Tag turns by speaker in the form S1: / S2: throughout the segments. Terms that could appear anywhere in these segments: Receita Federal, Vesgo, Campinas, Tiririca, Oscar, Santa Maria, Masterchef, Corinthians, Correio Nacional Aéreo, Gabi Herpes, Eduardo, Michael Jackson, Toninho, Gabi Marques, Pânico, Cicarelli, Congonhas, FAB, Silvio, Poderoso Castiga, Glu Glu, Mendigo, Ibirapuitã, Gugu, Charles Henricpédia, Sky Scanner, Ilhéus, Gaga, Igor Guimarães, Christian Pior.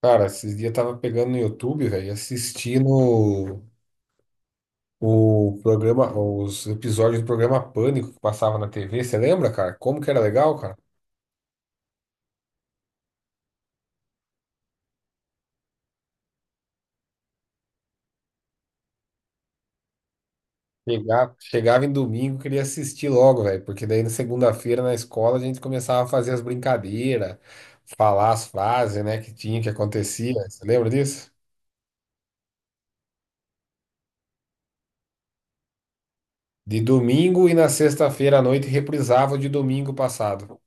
S1: Cara, esses dias eu tava pegando no YouTube, velho, assistindo o programa, os episódios do programa Pânico que passava na TV. Você lembra, cara? Como que era legal, cara? Chegava, chegava em domingo, queria assistir logo, velho, porque daí na segunda-feira na escola a gente começava a fazer as brincadeiras, falar as frases, né, que tinha, que acontecia. Você lembra disso? De domingo, e na sexta-feira à noite reprisava o de domingo passado.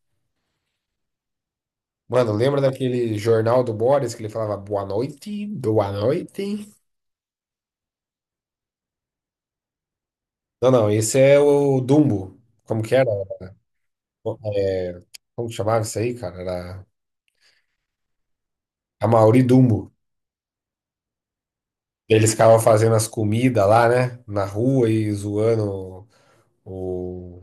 S1: Mano, lembra daquele jornal do Boris que ele falava boa noite, boa noite? Não, não, esse é o Dumbo. Como que era? Como que chamava isso aí, cara? Era a Mauri Dumbo. Eles ficavam fazendo as comidas lá, né? Na rua e zoando o-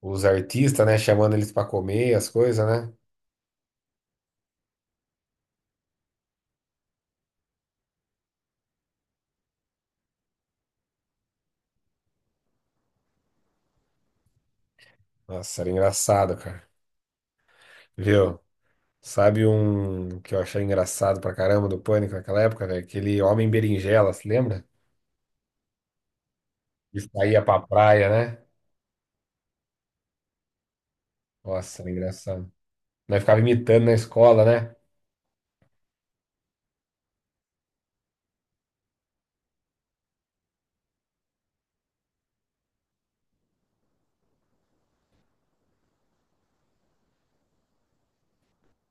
S1: os artistas, né? Chamando eles pra comer as coisas, né? Nossa, era engraçado, cara. Viu? Sabe um que eu achei engraçado pra caramba do Pânico naquela época, velho? Aquele homem berinjela, se lembra? Que saía pra praia, né? Nossa, era engraçado. Nós ficava imitando na escola, né?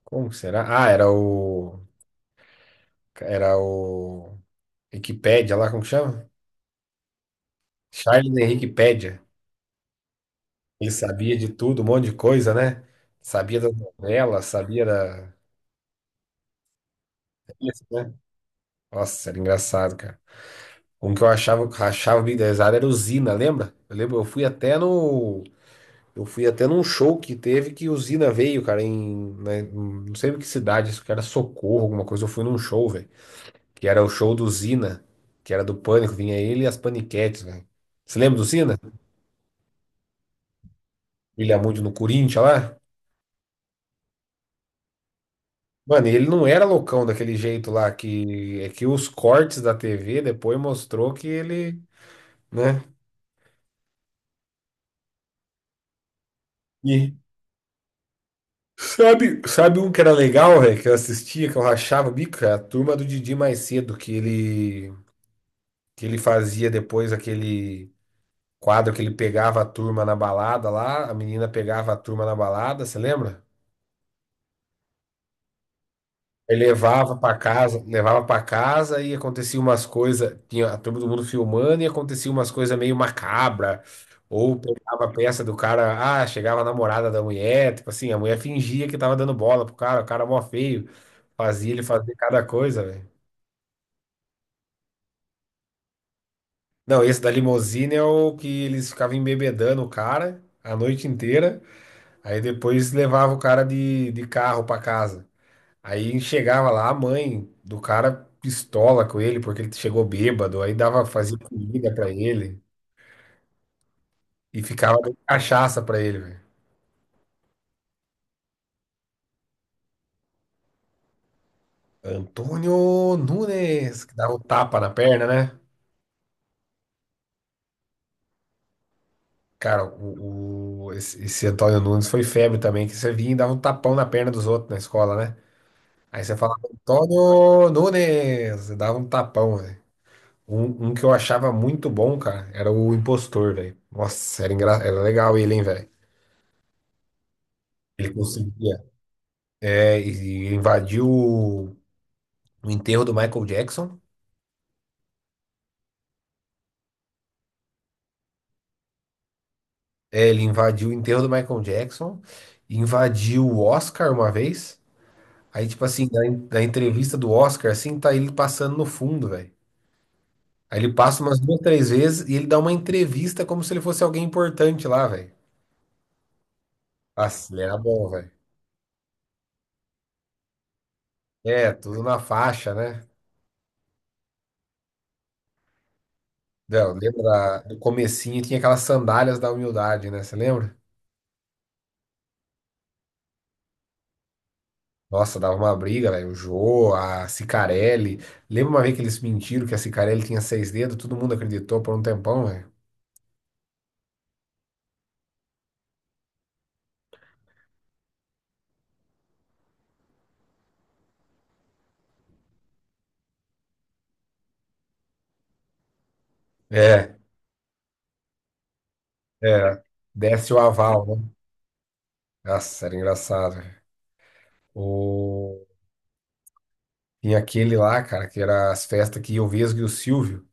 S1: Como que será? Ah, era o. Era o Wikipédia lá, como que chama? Charles Henricpédia. Ele sabia de tudo, um monte de coisa, né? Sabia das novelas, sabia da. É isso, né? Nossa, era engraçado, cara. Um que eu achava, achava bem desenhado era o Zina, lembra? Eu lembro, eu fui até no. Eu fui até num show que teve que o Zina veio, cara, em. Né, não sei em que cidade, isso que era Socorro, alguma coisa. Eu fui num show, velho. Que era o show do Zina, que era do Pânico, vinha ele e as Paniquetes, velho. Você lembra do Zina? William no Corinthians lá. Mano, e ele não era loucão daquele jeito lá, que é que os cortes da TV depois mostrou que ele, né? E sabe, sabe um que era legal, velho, que eu assistia, que eu rachava o bico, cara? A turma do Didi mais cedo, que ele fazia depois aquele quadro que ele pegava a turma na balada lá, a menina pegava a turma na balada, você lembra? Aí levava pra casa, levava para casa e acontecia umas coisas, tinha a turma do mundo filmando e acontecia umas coisas meio macabra. Ou pegava a peça do cara, ah, chegava a namorada da mulher, tipo assim, a mulher fingia que tava dando bola pro cara, o cara mó feio, fazia ele fazer cada coisa, velho. Não, esse da limusine é o que eles ficavam embebedando o cara a noite inteira, aí depois levava o cara de carro pra casa. Aí chegava lá a mãe do cara pistola com ele porque ele chegou bêbado, aí dava fazia comida pra ele e ficava dando cachaça pra ele, velho. Antônio Nunes, que dava um tapa na perna, né? Cara, esse, esse Antônio Nunes foi febre também, que você vinha e dava um tapão na perna dos outros na escola, né? Aí você falava, Antônio Nunes, você dava um tapão, velho. Um que eu achava muito bom, cara, era o impostor, velho. Nossa, era, era legal ele, hein, velho. Ele conseguia. É, e invadiu o enterro do Michael Jackson. É, ele invadiu o enterro do Michael Jackson, invadiu o Oscar uma vez. Aí, tipo assim, na entrevista do Oscar, assim, tá ele passando no fundo, velho. Aí ele passa umas duas, três vezes e ele dá uma entrevista como se ele fosse alguém importante lá, velho. Nossa, ele era bom, velho. É, tudo na faixa, né? Não, lembra do comecinho, tinha aquelas sandálias da humildade, né? Você lembra? Nossa, dava uma briga, velho. O Jô, a Cicarelli. Lembra uma vez que eles mentiram que a Cicarelli tinha seis dedos? Todo mundo acreditou por um tempão, velho. É, é. Desce o aval, né? Nossa, era engraçado, velho. O... Tinha aquele lá, cara, que era as festas que ia o Vesgo e o Silvio,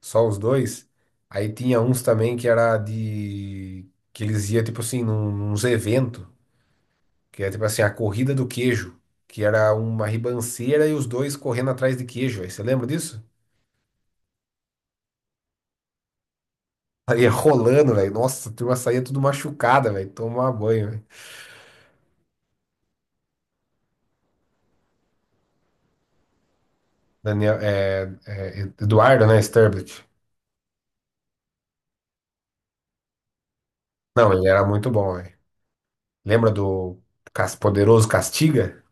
S1: só os dois. Aí tinha uns também que era de. Que eles iam, tipo assim, num, uns eventos, que era tipo assim, a corrida do queijo, que era uma ribanceira e os dois correndo atrás de queijo, velho. Você lembra disso? Saía rolando, velho. Nossa, a turma saía tudo machucada, velho. Tomar banho, velho. Daniel, Eduardo, né? Sturbridge. Não, ele era muito bom, velho. Lembra do Poderoso Castiga?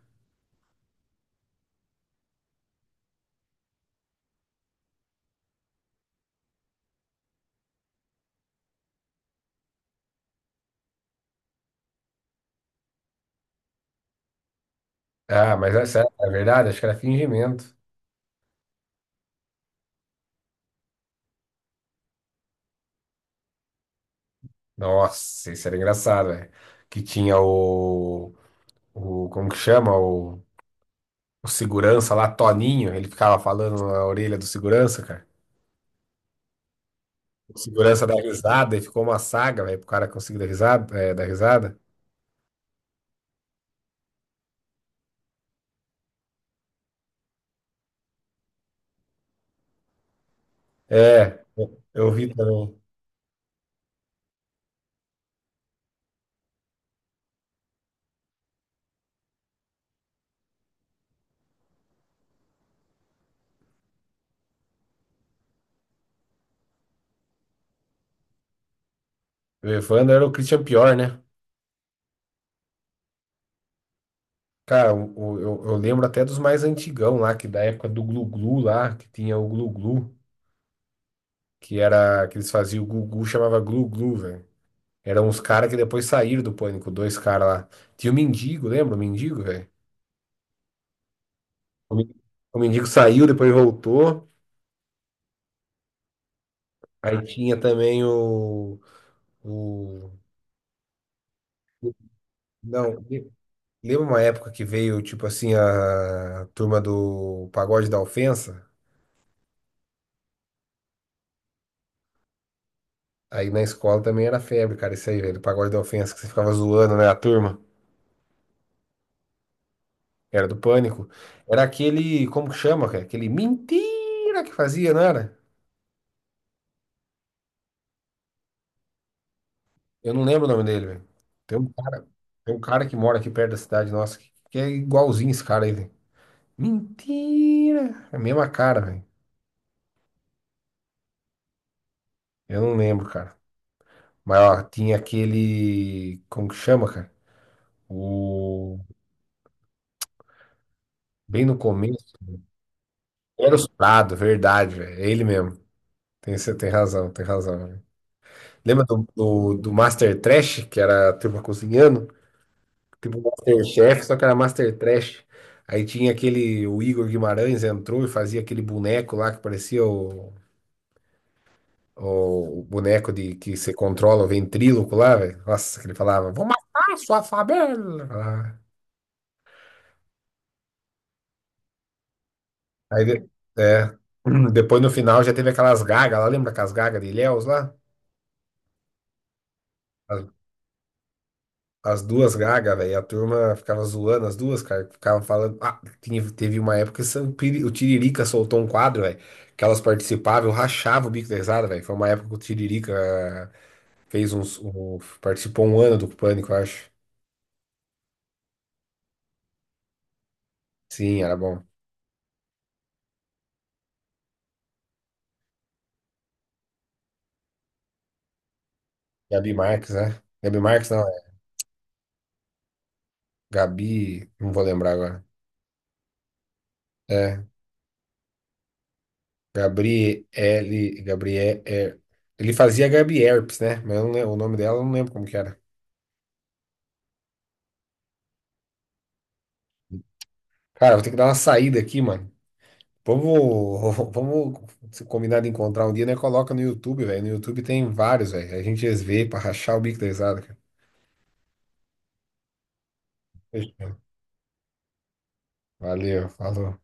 S1: Ah, mas essa é verdade, acho que era fingimento. Nossa, isso era engraçado, velho. Que tinha o. Como que chama? O segurança lá, Toninho. Ele ficava falando na orelha do segurança, cara. O segurança dá risada e ficou uma saga, velho, pro cara conseguir dar risada, dar risada. É, eu vi também. O Evandro era o Christian Pior, né? Cara, eu lembro até dos mais antigão lá, que da época do Glu Glu lá, que tinha o Glu Glu, que era, que eles faziam o Gugu, chamava Glu Glu, velho. Eram uns caras que depois saíram do Pânico, dois caras lá. Tinha o Mendigo, lembra o Mendigo, velho? O Men- o Mendigo saiu, depois voltou. Aí tinha também o... Não, lembra uma época que veio, tipo assim, a turma do Pagode da Ofensa? Aí na escola também era febre, cara, isso aí, velho. Pagode da Ofensa, que você ficava zoando, né? A turma era do Pânico. Era aquele, como que chama, cara? Aquele mentira que fazia, não era? Eu não lembro o nome dele, velho. Tem um cara, tem um cara que mora aqui perto da cidade nossa que é igualzinho esse cara aí, velho. Mentira! É a mesma cara, velho. Eu não lembro, cara. Mas, ó, tinha aquele, como que chama, cara? O. Bem no começo. Era o Prado, verdade, velho. É ele mesmo. Tem, você tem razão, tem razão. Lembra do, do Master Trash, que era a turma cozinhando? Tipo Masterchef, só que era Master Trash. Aí tinha aquele, o Igor Guimarães entrou e fazia aquele boneco lá que parecia o boneco de que você controla o ventríloco lá, velho. Nossa, que ele falava, vou matar a sua favela. Ah, Aí, de- é, depois no final já teve aquelas gagas lá, lembra aquelas gagas de Ilhéus lá? As duas Gaga, velho, a turma ficava zoando as duas, cara, ficavam falando, ah, teve uma época que o Tiririca soltou um quadro, velho, que elas participavam, eu rachava o bico da risada, velho, foi uma época que o Tiririca fez participou um ano do Pânico, eu acho, sim, era bom, Gabi Marques, né, Gabi Marques não, é Gabi, não vou lembrar agora, é, Gabriele, Gabriel, é, ele fazia Gabi Herpes, né, mas eu não o nome dela eu não lembro como que era. Cara, vou ter que dar uma saída aqui, mano. Vamos, vamos se combinar de encontrar um dia, né? Coloca no YouTube, velho. No YouTube tem vários, velho. A gente vê pra rachar o bico da risada, cara. Fechou. Valeu, falou.